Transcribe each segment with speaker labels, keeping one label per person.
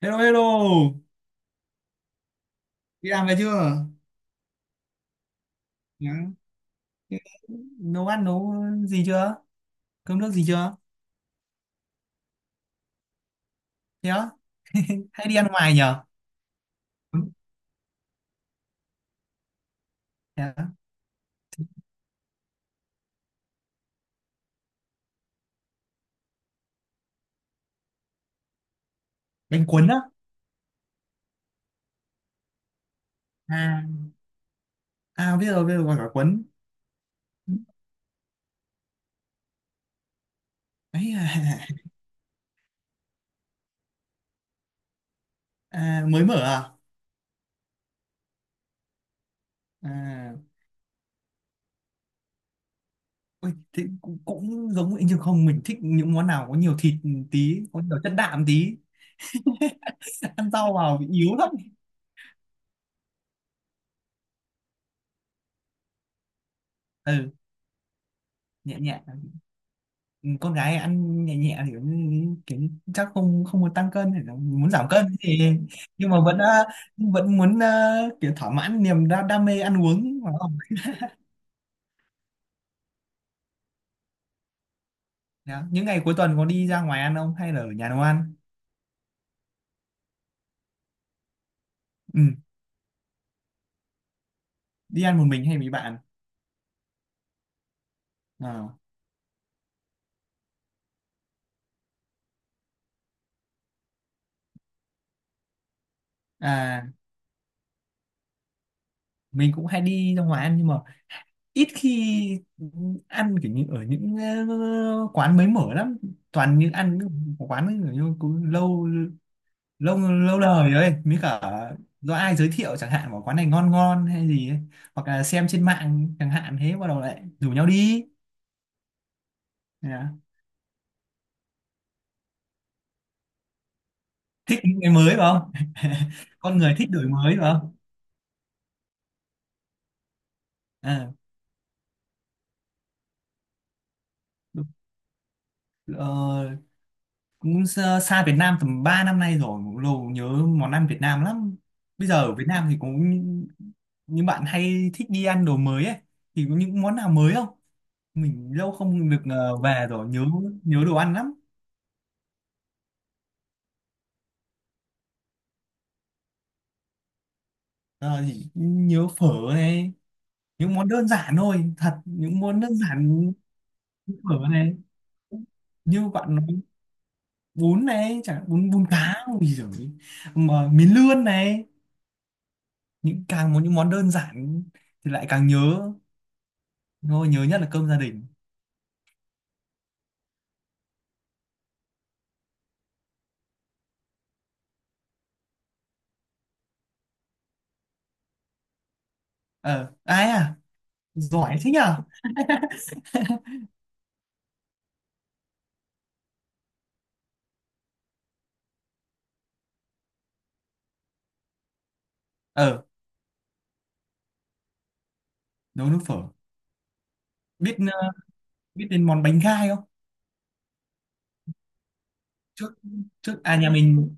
Speaker 1: Hello hello, đi làm về chưa? Nhá. Thế. Nấu gì chưa? Cơm nước gì chưa? Thế á, hay đi ăn ngoài nhở? Ừ. Thế á. Bánh cuốn á? À, à biết rồi, gọi cả cuốn. Ấy à, à, mới mở à? À, ôi, thế cũng giống vậy chứ không mình thích những món nào có nhiều thịt tí, có nhiều chất đạm tí, ăn rau vào bị yếu lắm. Ừ, nhẹ nhẹ. Con gái ăn nhẹ nhẹ thì cũng kiểu chắc không không muốn tăng cân thì là muốn giảm cân thì nhưng mà vẫn à, vẫn muốn à, kiểu thỏa mãn niềm đam mê ăn uống phải không? Đó. Những ngày cuối tuần có đi ra ngoài ăn không hay là ở nhà nấu ăn? Ừ, đi ăn một mình hay với bạn? Ờ. À, mình cũng hay đi ra ngoài ăn nhưng mà ít khi ăn kiểu như ở những ờ, quán mới mở lắm, toàn những ăn những quán ấy kiểu như cũng lâu lâu lâu đời ấy mới cả do ai giới thiệu chẳng hạn bảo quán này ngon ngon hay gì ấy. Hoặc là xem trên mạng chẳng hạn thế bắt đầu lại rủ nhau đi. Dạ. Thích những cái mới phải không? Con người thích đổi mới phải không? À, ờ, cũng xa xa Việt Nam tầm 3 năm nay rồi, lâu nhớ món ăn Việt Nam lắm. Bây giờ ở Việt Nam thì cũng như bạn hay thích đi ăn đồ mới ấy thì có những món nào mới không? Mình lâu không được ờ, về rồi, nhớ nhớ đồ ăn lắm. Ờ, thì nhớ phở này, những món đơn giản thôi, thật những món đơn giản như phở này, như bạn nói, bún này chẳng hạn, bún bún cá, ui giời, mà miến lươn này, những càng muốn những món đơn giản thì lại càng nhớ, thôi nhớ nhất là cơm gia đình. Ờ, ai à, giỏi thế nhở. Ờ, nấu nước phở. Biết ờ, biết đến món bánh gai không? Trước trước à, nhà mình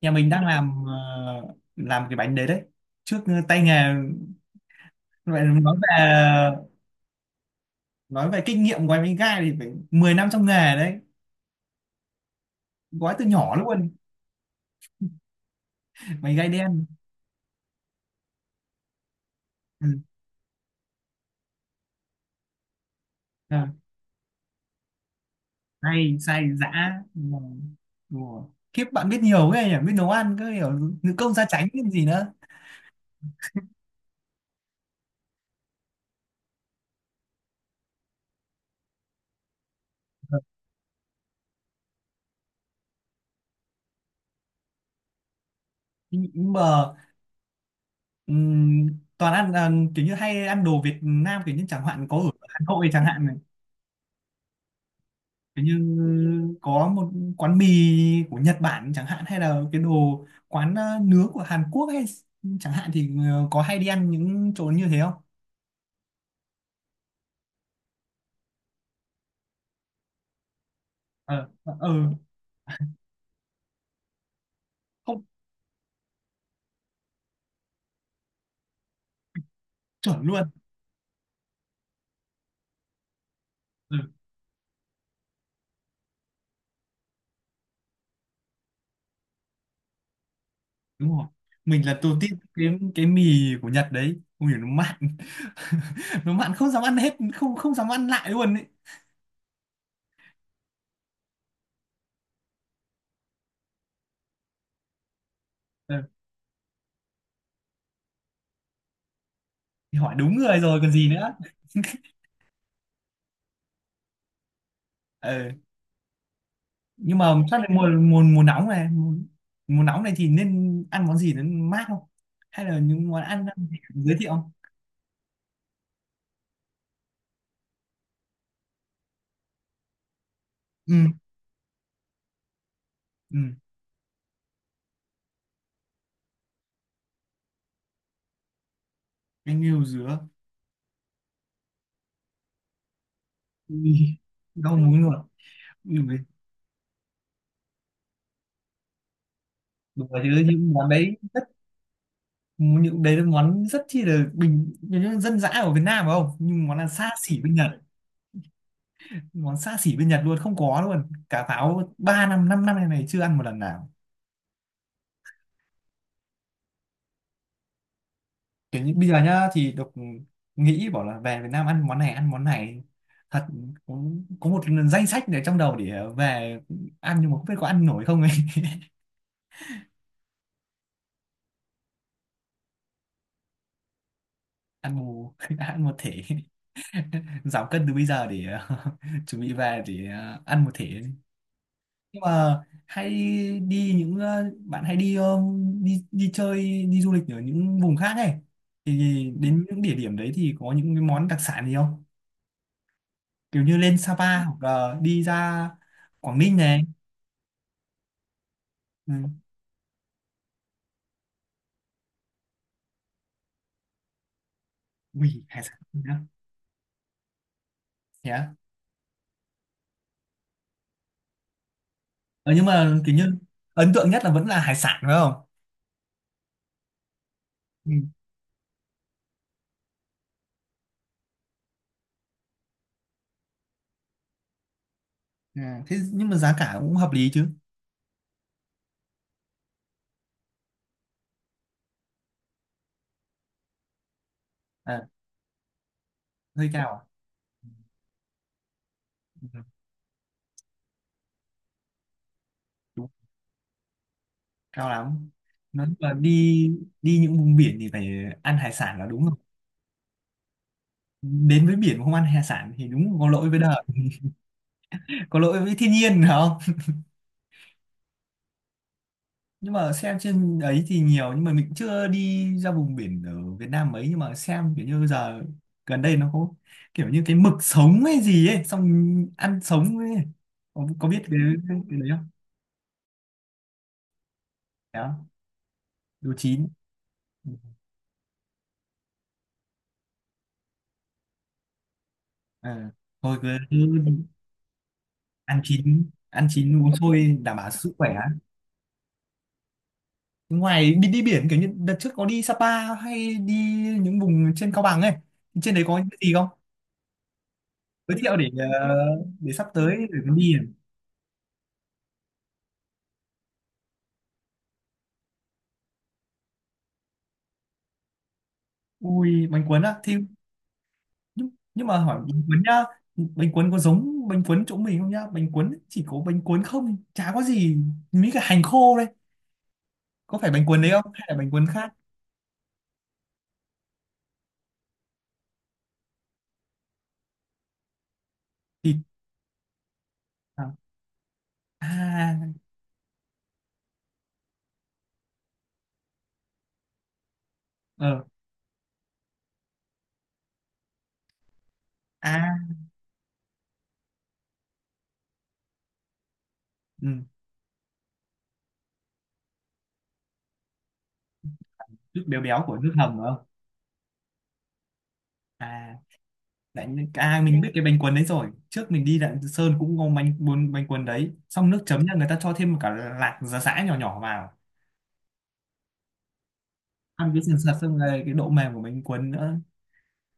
Speaker 1: nhà mình đang làm cái bánh đấy đấy. Trước ờ, tay nghề. Vậy nói về kinh nghiệm của em đánh gai thì phải 10 năm trong nghề đấy, gói từ nhỏ luôn, mày gai đen. Ừ. À, say say dã. Ừ. Ủa. Kiếp bạn biết nhiều ghê nhỉ, biết nấu ăn cứ hiểu nữ công gia chánh cái gì nữa. Ừ. Nhưng mà ừm, toàn ăn à, kiểu như hay ăn đồ Việt Nam kiểu như chẳng hạn có ở Hà Nội chẳng hạn này, kiểu như có một quán mì của Nhật Bản chẳng hạn, hay là cái đồ quán à, nướng của Hàn Quốc hay chẳng hạn thì ờ, có hay đi ăn những chỗ như thế không? Ờ, ờ, ờ. Không. Chuẩn luôn. Ừ, đúng rồi. Mình lần đầu tiên cái mì của Nhật đấy, ui nó mặn nó mặn không dám ăn hết, không không dám ăn lại luôn ấy. Ừ, thì hỏi đúng người rồi còn gì nữa. Ờ, nhưng mà chắc là mùa mùa mùa nóng này, mùa nóng này thì nên ăn món gì nó mát không, hay là những món ăn ăn gì giới thiệu không? Ừ, ừ, anh yêu dứa. Ui, đau muốn rồi. Ui, đùa chứ những món đấy, những đấy là món rất chi là bình, những dân dã ở Việt Nam phải không, nhưng món là xa xỉ bên Nhật, món xa xỉ bên Nhật luôn không có luôn, cả pháo 3 năm 5 năm này này chưa ăn một lần nào. Kiểu như bây giờ nhá thì độc nghĩ bảo là về Việt Nam ăn món này thật, cũng có một danh sách để trong đầu để về ăn nhưng mà không biết có ăn nổi không ấy. ăn một ăn một thể. Giảm cân từ bây giờ để chuẩn bị về để ờ, ăn một thể. Nhưng mà hay đi những ờ, bạn hay đi ờ, đi đi chơi đi du lịch ở những vùng khác ấy thì, đến những địa điểm đấy thì có những cái món đặc sản gì không, kiểu như lên Sapa hoặc là đi ra Quảng Ninh này? Ừ. Ui hải sản nữa, thế á? Ờ, nhưng mà kiểu như ấn tượng nhất là vẫn là hải sản phải không? Ừ. À, thế nhưng mà giá cả cũng hợp lý chứ? À, hơi cao à? Ừ, ừ, đúng cao lắm. Nói chung là đi đi những vùng biển thì phải ăn hải sản là đúng rồi. Đến với biển mà không ăn hải sản thì đúng có lỗi với đời, có lỗi với thiên nhiên phải không? Nhưng mà xem trên ấy thì nhiều, nhưng mà mình chưa đi ra vùng biển ở Việt Nam mấy, nhưng mà xem kiểu như giờ gần đây nó có kiểu như cái mực sống hay gì ấy, xong ăn sống ấy, có biết cái đấy không? Đó. Đồ chín. À, thôi cứ ăn chín, ăn chín uống sôi đảm bảo sức khỏe. Ngoài đi đi biển kiểu như đợt trước có đi Sapa hay đi những vùng trên Cao Bằng ấy, trên đấy có những cái gì không, giới thiệu để ờ, để sắp tới để mình đi. Ui bánh cuốn á thì, nhưng mà hỏi bánh cuốn nhá, bánh cuốn có giống bánh cuốn chỗ mình không nhá, bánh cuốn chỉ có bánh cuốn không, chả có gì mấy cái hành khô đây, có phải bánh cuốn đấy không hay là bánh cuốn khác? Thịt. À. À. Ờ. À. Ừ, nước béo béo của nước hầm phải không? À. Đấy. À, mình biết cái bánh cuốn đấy rồi, trước mình đi Lạng Sơn cũng ngon, bánh cuốn đấy xong nước chấm nha người ta cho thêm cả lạc giá sã nhỏ nhỏ vào, ăn cái sườn sạt xong rồi cái độ mềm của bánh cuốn nữa,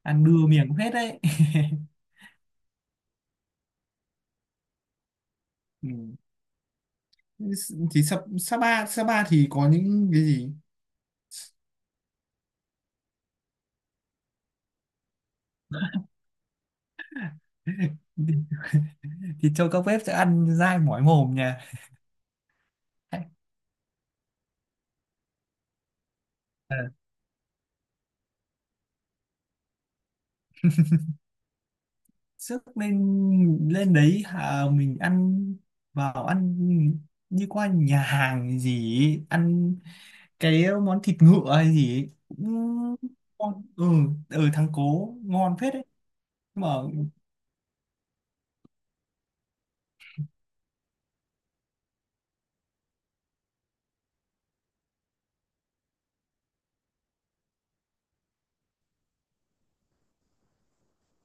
Speaker 1: ăn đưa miệng cũng hết đấy. Ừ. Thì Sa Sapa Sapa thì có những cái gì? Thì cho các bếp sẽ ăn dai mỏi mồm nha. Ờ, sức lên lên đấy à mình ăn vào ăn đi qua nhà hàng gì ấy, ăn cái món thịt ngựa hay gì ấy, cũng ngon. Ừ, ở thắng cố ngon phết đấy mà.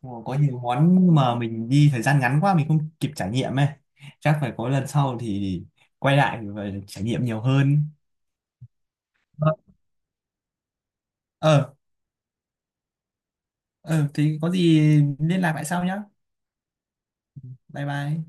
Speaker 1: Ồ, có nhiều món mà mình đi thời gian ngắn quá mình không kịp trải nghiệm ấy, chắc phải có lần sau thì quay lại và trải nghiệm nhiều hơn. Ờ, ờ, ờ, thì có gì liên lạc lại sau nhá. Bye bye.